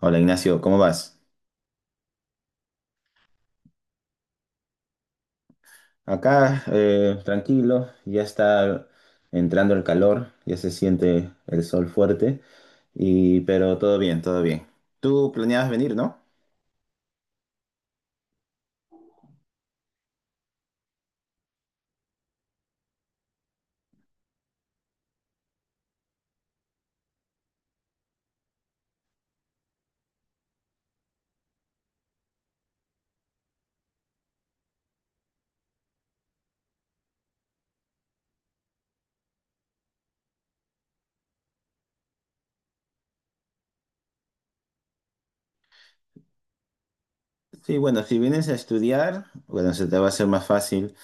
Hola Ignacio, ¿cómo vas? Acá, tranquilo, ya está entrando el calor, ya se siente el sol fuerte, pero todo bien, todo bien. Tú planeabas venir, ¿no? Sí, bueno, si vienes a estudiar, bueno, se te va a hacer más fácil,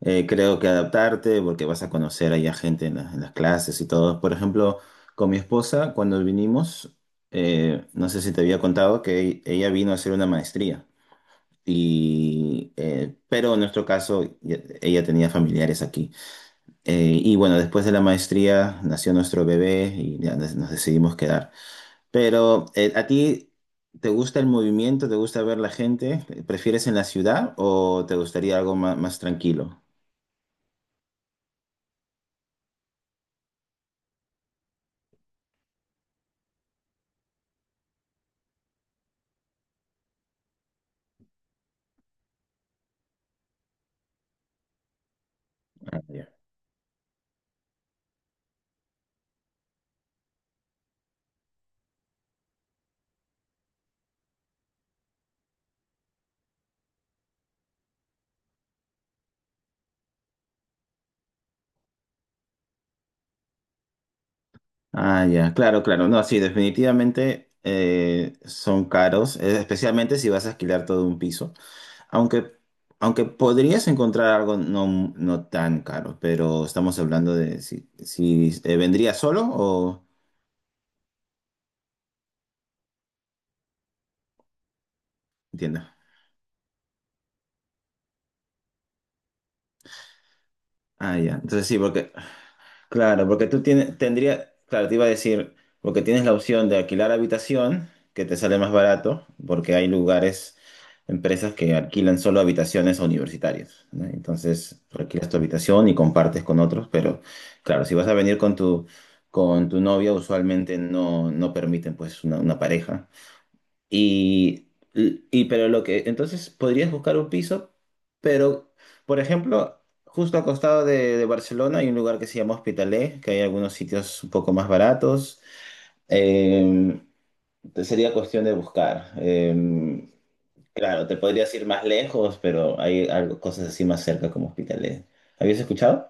creo que adaptarte, porque vas a conocer allá gente en las clases y todo. Por ejemplo, con mi esposa, cuando vinimos, no sé si te había contado que ella vino a hacer una maestría. Pero en nuestro caso, ella tenía familiares aquí. Y bueno, después de la maestría nació nuestro bebé y ya nos decidimos quedar. Pero, ¿a ti te gusta el movimiento? ¿Te gusta ver la gente? ¿Prefieres en la ciudad o te gustaría algo más tranquilo? Ah, ya. Ah, ya, claro, claro. No, sí, definitivamente son caros, especialmente si vas a alquilar todo un piso. Aunque, aunque podrías encontrar algo no tan caro, pero estamos hablando de si, si vendría solo o... Entiendo. Ah, ya. Entonces sí, porque claro, porque claro, te iba a decir, porque tienes la opción de alquilar habitación, que te sale más barato, porque hay lugares, empresas que alquilan solo habitaciones a universitarios, ¿no? Entonces, tú alquilas tu habitación y compartes con otros, pero claro, si vas a venir con tu novia, usualmente no, no permiten pues una pareja. Y, pero lo que, entonces podrías buscar un piso, pero, por ejemplo, justo al costado de Barcelona hay un lugar que se llama Hospitalet, que hay algunos sitios un poco más baratos. Eh, Sería cuestión de buscar. Claro, te podrías ir más lejos, pero hay algo, cosas así más cerca como Hospitalet. ¿Habías escuchado?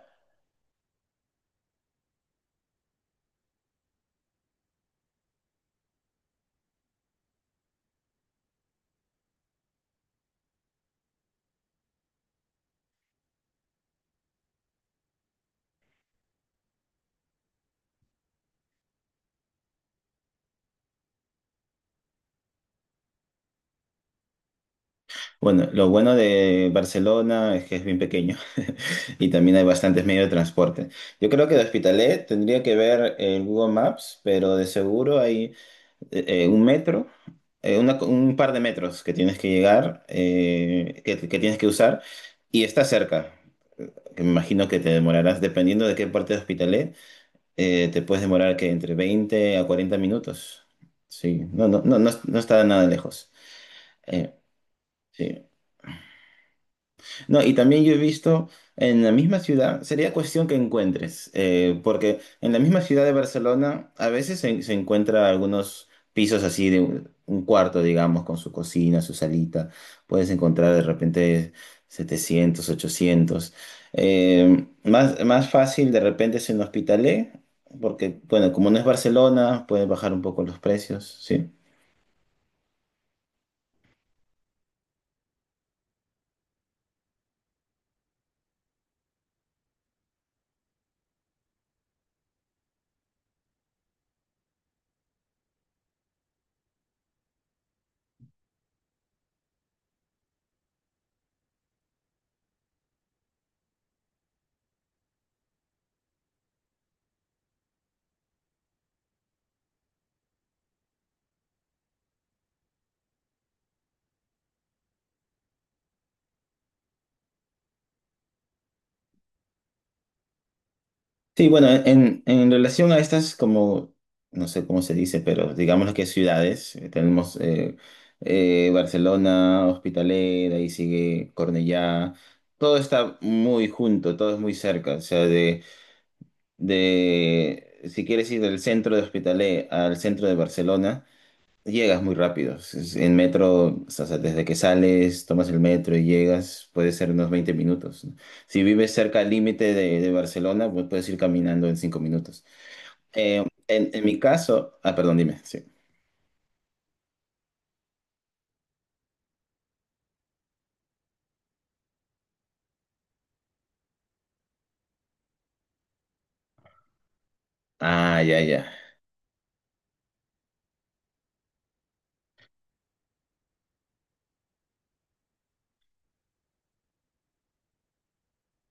Bueno, lo bueno de Barcelona es que es bien pequeño y también hay bastantes medios de transporte. Yo creo que de Hospitalet tendría que ver el Google Maps, pero de seguro hay un metro, un par de metros que tienes que llegar, que tienes que usar y está cerca. Que me imagino que te demorarás, dependiendo de qué parte de Hospitalet, te puedes demorar que entre 20 a 40 minutos. Sí, no, no, no, no, no está nada lejos. Eh, sí. No, y también yo he visto en la misma ciudad, sería cuestión que encuentres, porque en la misma ciudad de Barcelona a veces se, se encuentra algunos pisos así de un cuarto, digamos, con su cocina, su salita. Puedes encontrar de repente 700, 800. Más, más fácil de repente es en Hospitalet, porque, bueno, como no es Barcelona, pueden bajar un poco los precios, ¿sí? Sí, bueno, en relación a estas, como, no sé cómo se dice, pero digamos que ciudades, tenemos Barcelona, Hospitalet, ahí sigue Cornellá, todo está muy junto, todo es muy cerca, o sea, de, si quieres ir del centro de Hospitalet al centro de Barcelona, llegas muy rápido. Si Es- En metro, o sea, desde que sales, tomas el metro y llegas, puede ser unos 20 minutos, ¿no? Si vives cerca al límite de Barcelona, pues puedes ir caminando en 5 minutos. Eh, en mi caso, ah, perdón, dime, sí. Ah, ya, ya,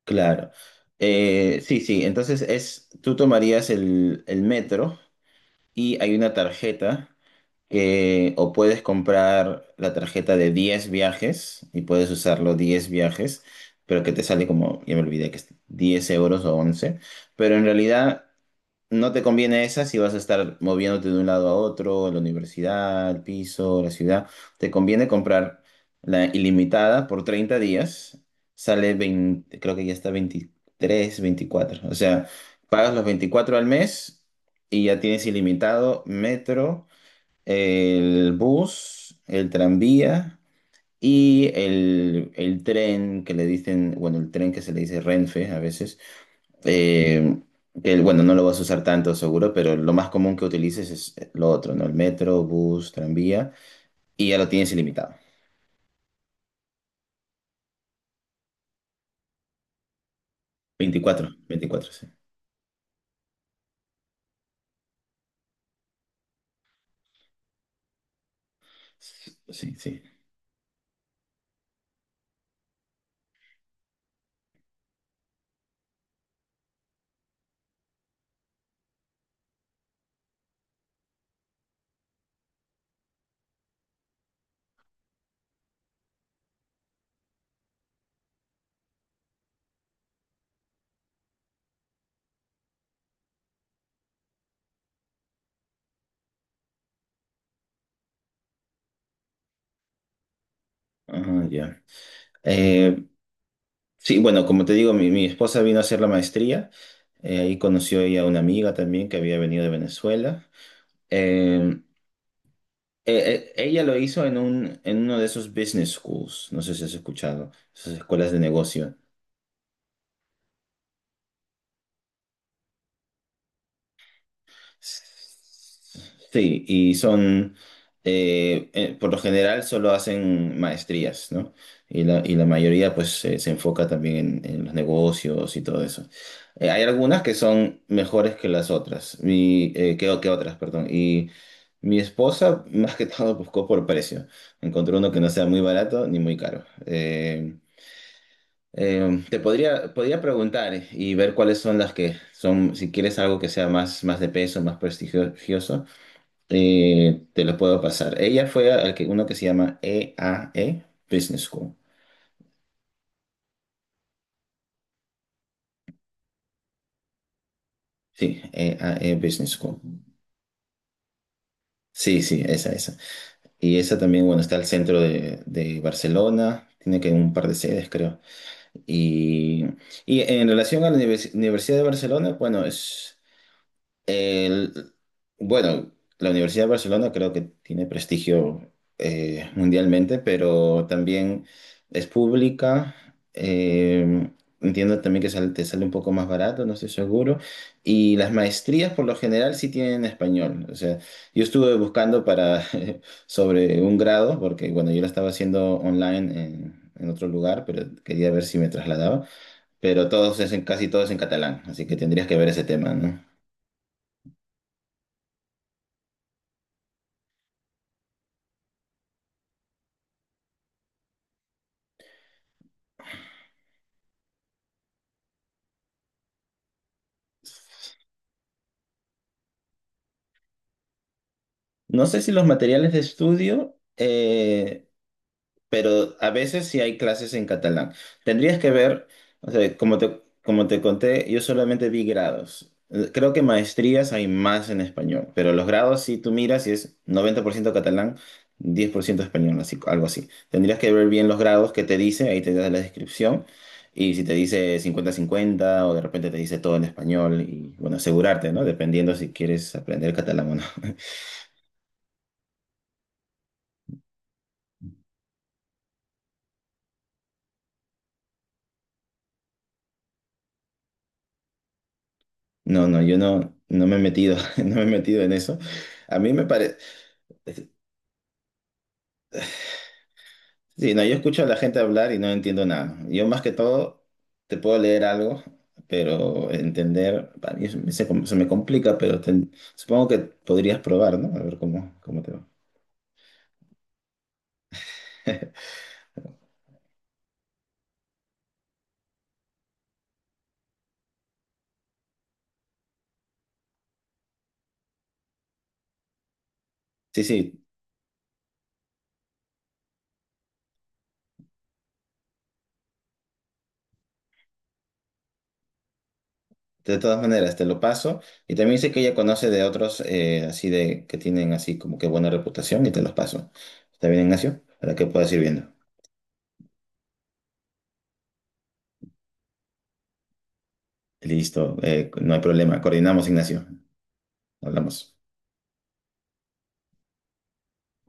claro. Sí, sí, entonces es, tú tomarías el metro y hay una tarjeta o puedes comprar la tarjeta de 10 viajes y puedes usarlo 10 viajes, pero que te sale como, ya me olvidé que es 10 euros o 11, pero en realidad no te conviene esa si vas a estar moviéndote de un lado a otro, la universidad, el piso, la ciudad, te conviene comprar la ilimitada por 30 días, sale 20, creo que ya está 23, 24, o sea, pagas los 24 al mes. Y ya tienes ilimitado metro, el bus, el tranvía y el tren que le dicen, bueno, el tren que se le dice Renfe a veces, eh, que bueno, no lo vas a usar tanto seguro, pero lo más común que utilices es lo otro, ¿no? El metro, bus, tranvía, y ya lo tienes ilimitado. Veinticuatro, veinticuatro, sí. Sí, sí. Ajá, ya. Eh, sí, bueno, como te digo, mi esposa vino a hacer la maestría. Ahí conoció ella a una amiga también que había venido de Venezuela. Eh, Ella lo hizo en uno de esos business schools, no sé si has escuchado, esas escuelas de negocio. Sí, y son, por lo general solo hacen maestrías, ¿no? Y la mayoría pues se enfoca también en los negocios y todo eso. Hay algunas que son mejores que las otras, que otras, perdón. Y mi esposa más que todo buscó por precio. Encontró uno que no sea muy barato ni muy caro. Te podría preguntar y ver cuáles son las que son, si quieres algo que sea más, más de peso, más prestigioso, te lo puedo pasar. Ella fue al que, uno que se llama EAE Business School. Sí, EAE Business School. Sí, sí, esa, esa. Y esa también, bueno, está al centro de Barcelona, tiene que un par de sedes, creo. Y, y en relación a la Universidad de Barcelona, bueno, es... El- bueno, la Universidad de Barcelona creo que tiene prestigio mundialmente, pero también es pública. eh, Entiendo también que te sale un poco más barato, no estoy seguro. Y las maestrías por lo general sí tienen español. O sea, yo estuve buscando para sobre un grado, porque bueno, yo lo estaba haciendo online en otro lugar, pero quería ver si me trasladaba. Pero todos es en, casi todos en catalán, así que tendrías que ver ese tema, ¿no? No sé si los materiales de estudio, pero a veces sí hay clases en catalán. Tendrías que ver, o sea, como te conté, yo solamente vi grados. Creo que maestrías hay más en español, pero los grados si tú miras y es 90% catalán, 10% español, así, algo así. Tendrías que ver bien los grados que te dice, ahí te da la descripción, y si te dice 50-50 o de repente te dice todo en español, y bueno, asegurarte, ¿no? Dependiendo si quieres aprender catalán o no. No, no, yo no, no me he metido, no me he metido en eso. A mí me parece, sí, no, yo escucho a la gente hablar y no entiendo nada. Yo más que todo te puedo leer algo, pero entender, para mí se me complica, pero supongo que podrías probar, ¿no? A ver cómo, cómo te va. Sí, sí, de todas maneras, te lo paso. Y también sé que ella conoce de otros así de que tienen así como que buena reputación y te los paso. ¿Está bien, Ignacio? Para que puedas ir viendo. Listo, no hay problema. Coordinamos, Ignacio. Hablamos.